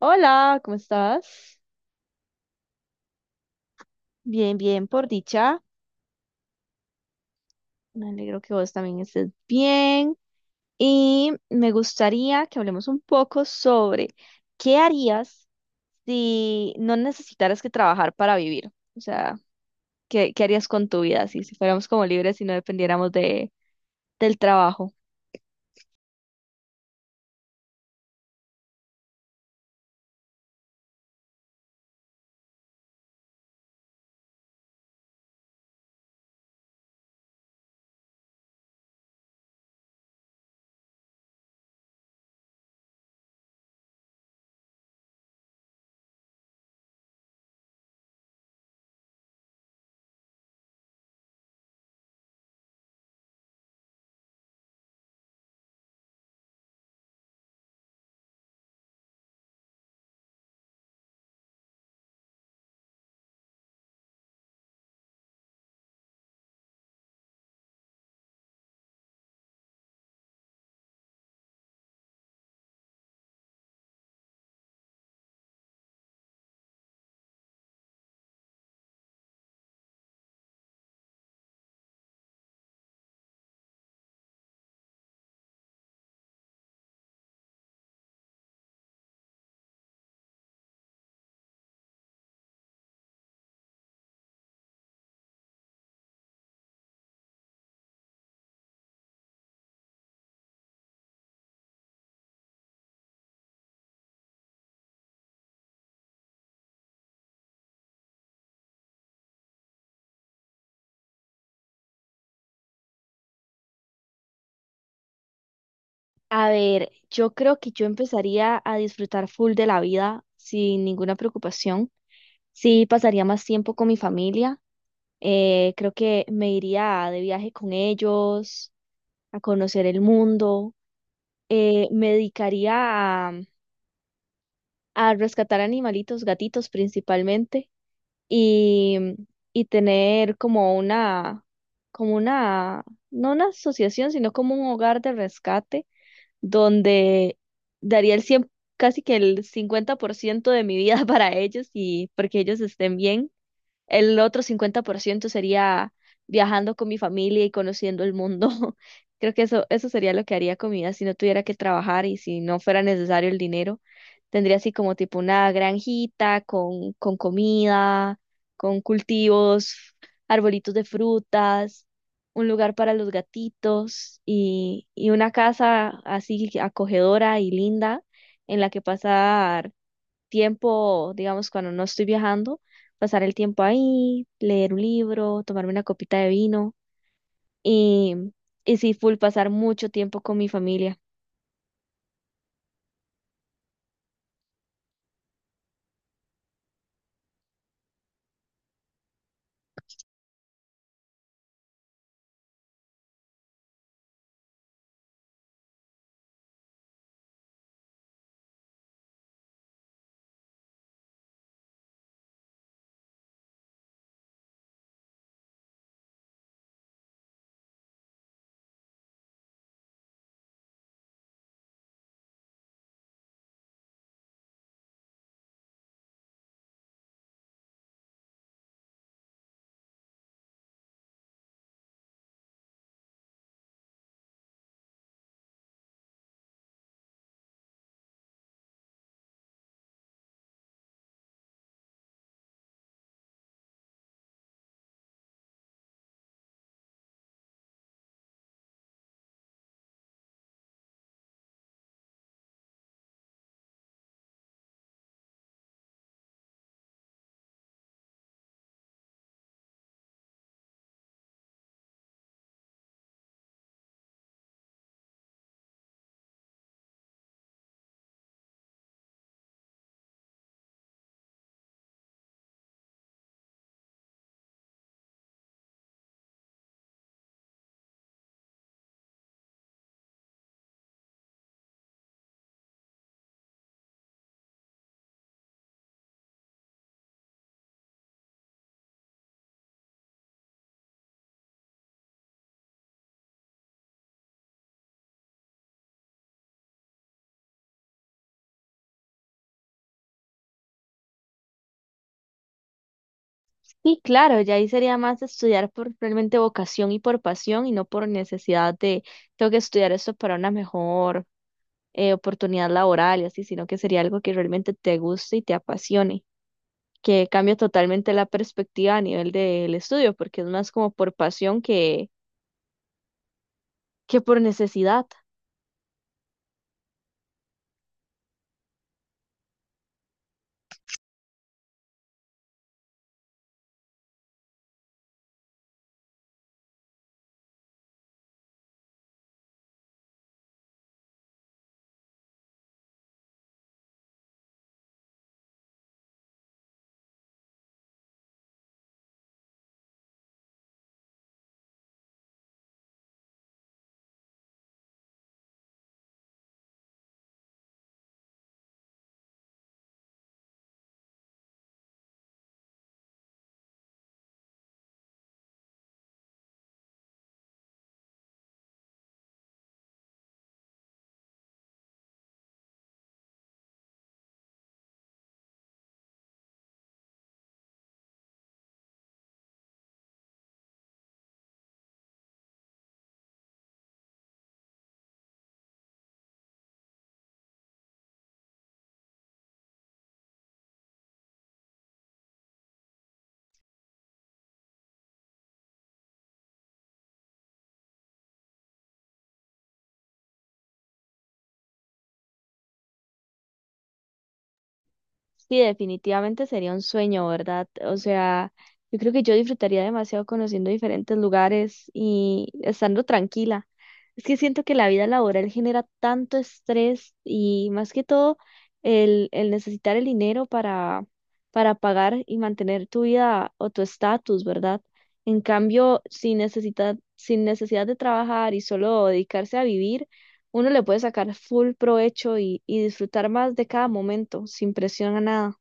Hola, ¿cómo estás? Bien, bien, por dicha. Me alegro que vos también estés bien. Y me gustaría que hablemos un poco sobre qué harías si no necesitaras que trabajar para vivir. O sea, ¿qué harías con tu vida si fuéramos como libres y no dependiéramos del trabajo? A ver, yo creo que yo empezaría a disfrutar full de la vida sin ninguna preocupación. Sí, pasaría más tiempo con mi familia. Creo que me iría de viaje con ellos, a conocer el mundo. Me dedicaría a, a rescatar animalitos, gatitos principalmente, y, y tener como una, no una asociación, sino como un hogar de rescate donde daría el 100, casi que el 50% de mi vida para ellos y porque ellos estén bien. El otro 50% sería viajando con mi familia y conociendo el mundo. Creo que eso sería lo que haría con mi vida si no tuviera que trabajar y si no fuera necesario el dinero. Tendría así como tipo una granjita con comida, con cultivos, arbolitos de frutas, un lugar para los gatitos y una casa así acogedora y linda en la que pasar tiempo, digamos, cuando no estoy viajando, pasar el tiempo ahí, leer un libro, tomarme una copita de vino y, y sí, full pasar mucho tiempo con mi familia. Y claro, ya ahí sería más estudiar por realmente vocación y por pasión y no por necesidad de tengo que estudiar esto para una mejor oportunidad laboral y así, sino que sería algo que realmente te guste y te apasione, que cambia totalmente la perspectiva a nivel del estudio, porque es más como por pasión que por necesidad. Sí, definitivamente sería un sueño, ¿verdad? O sea, yo creo que yo disfrutaría demasiado conociendo diferentes lugares y estando tranquila. Es que siento que la vida laboral genera tanto estrés y más que todo el necesitar el dinero para pagar y mantener tu vida o tu estatus, ¿verdad? En cambio, sin necesidad, sin necesidad de trabajar y solo dedicarse a vivir, uno le puede sacar full provecho y disfrutar más de cada momento, sin presión a nada.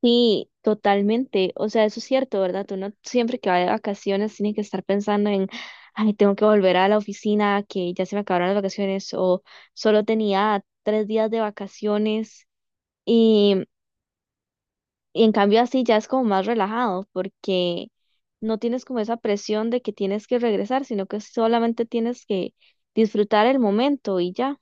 Sí, totalmente. O sea, eso es cierto, ¿verdad? Uno siempre que va de vacaciones tiene que estar pensando en, ay, tengo que volver a la oficina, que ya se me acabaron las vacaciones, o solo tenía 3 días de vacaciones. Y, y en cambio así ya es como más relajado, porque no tienes como esa presión de que tienes que regresar, sino que solamente tienes que disfrutar el momento y ya.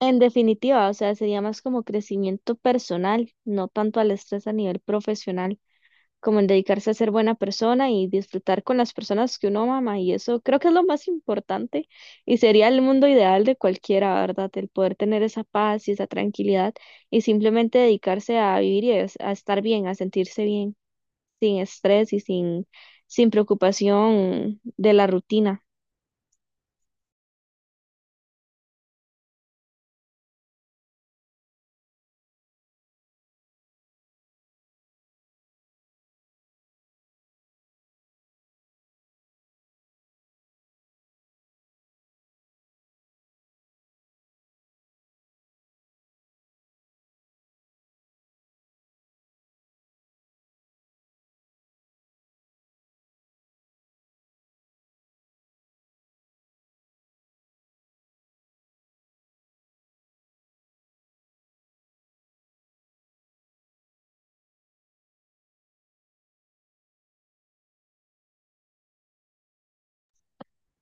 En definitiva, o sea, sería más como crecimiento personal, no tanto al estrés a nivel profesional, como en dedicarse a ser buena persona y disfrutar con las personas que uno ama, y eso creo que es lo más importante, y sería el mundo ideal de cualquiera, ¿verdad? El poder tener esa paz y esa tranquilidad y simplemente dedicarse a vivir y a estar bien, a sentirse bien, sin estrés y sin, sin preocupación de la rutina.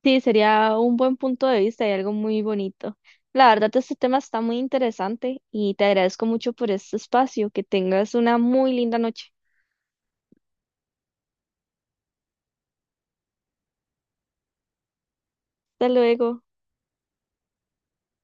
Sí, sería un buen punto de vista y algo muy bonito. La verdad, este tema está muy interesante y te agradezco mucho por este espacio. Que tengas una muy linda noche. Hasta luego.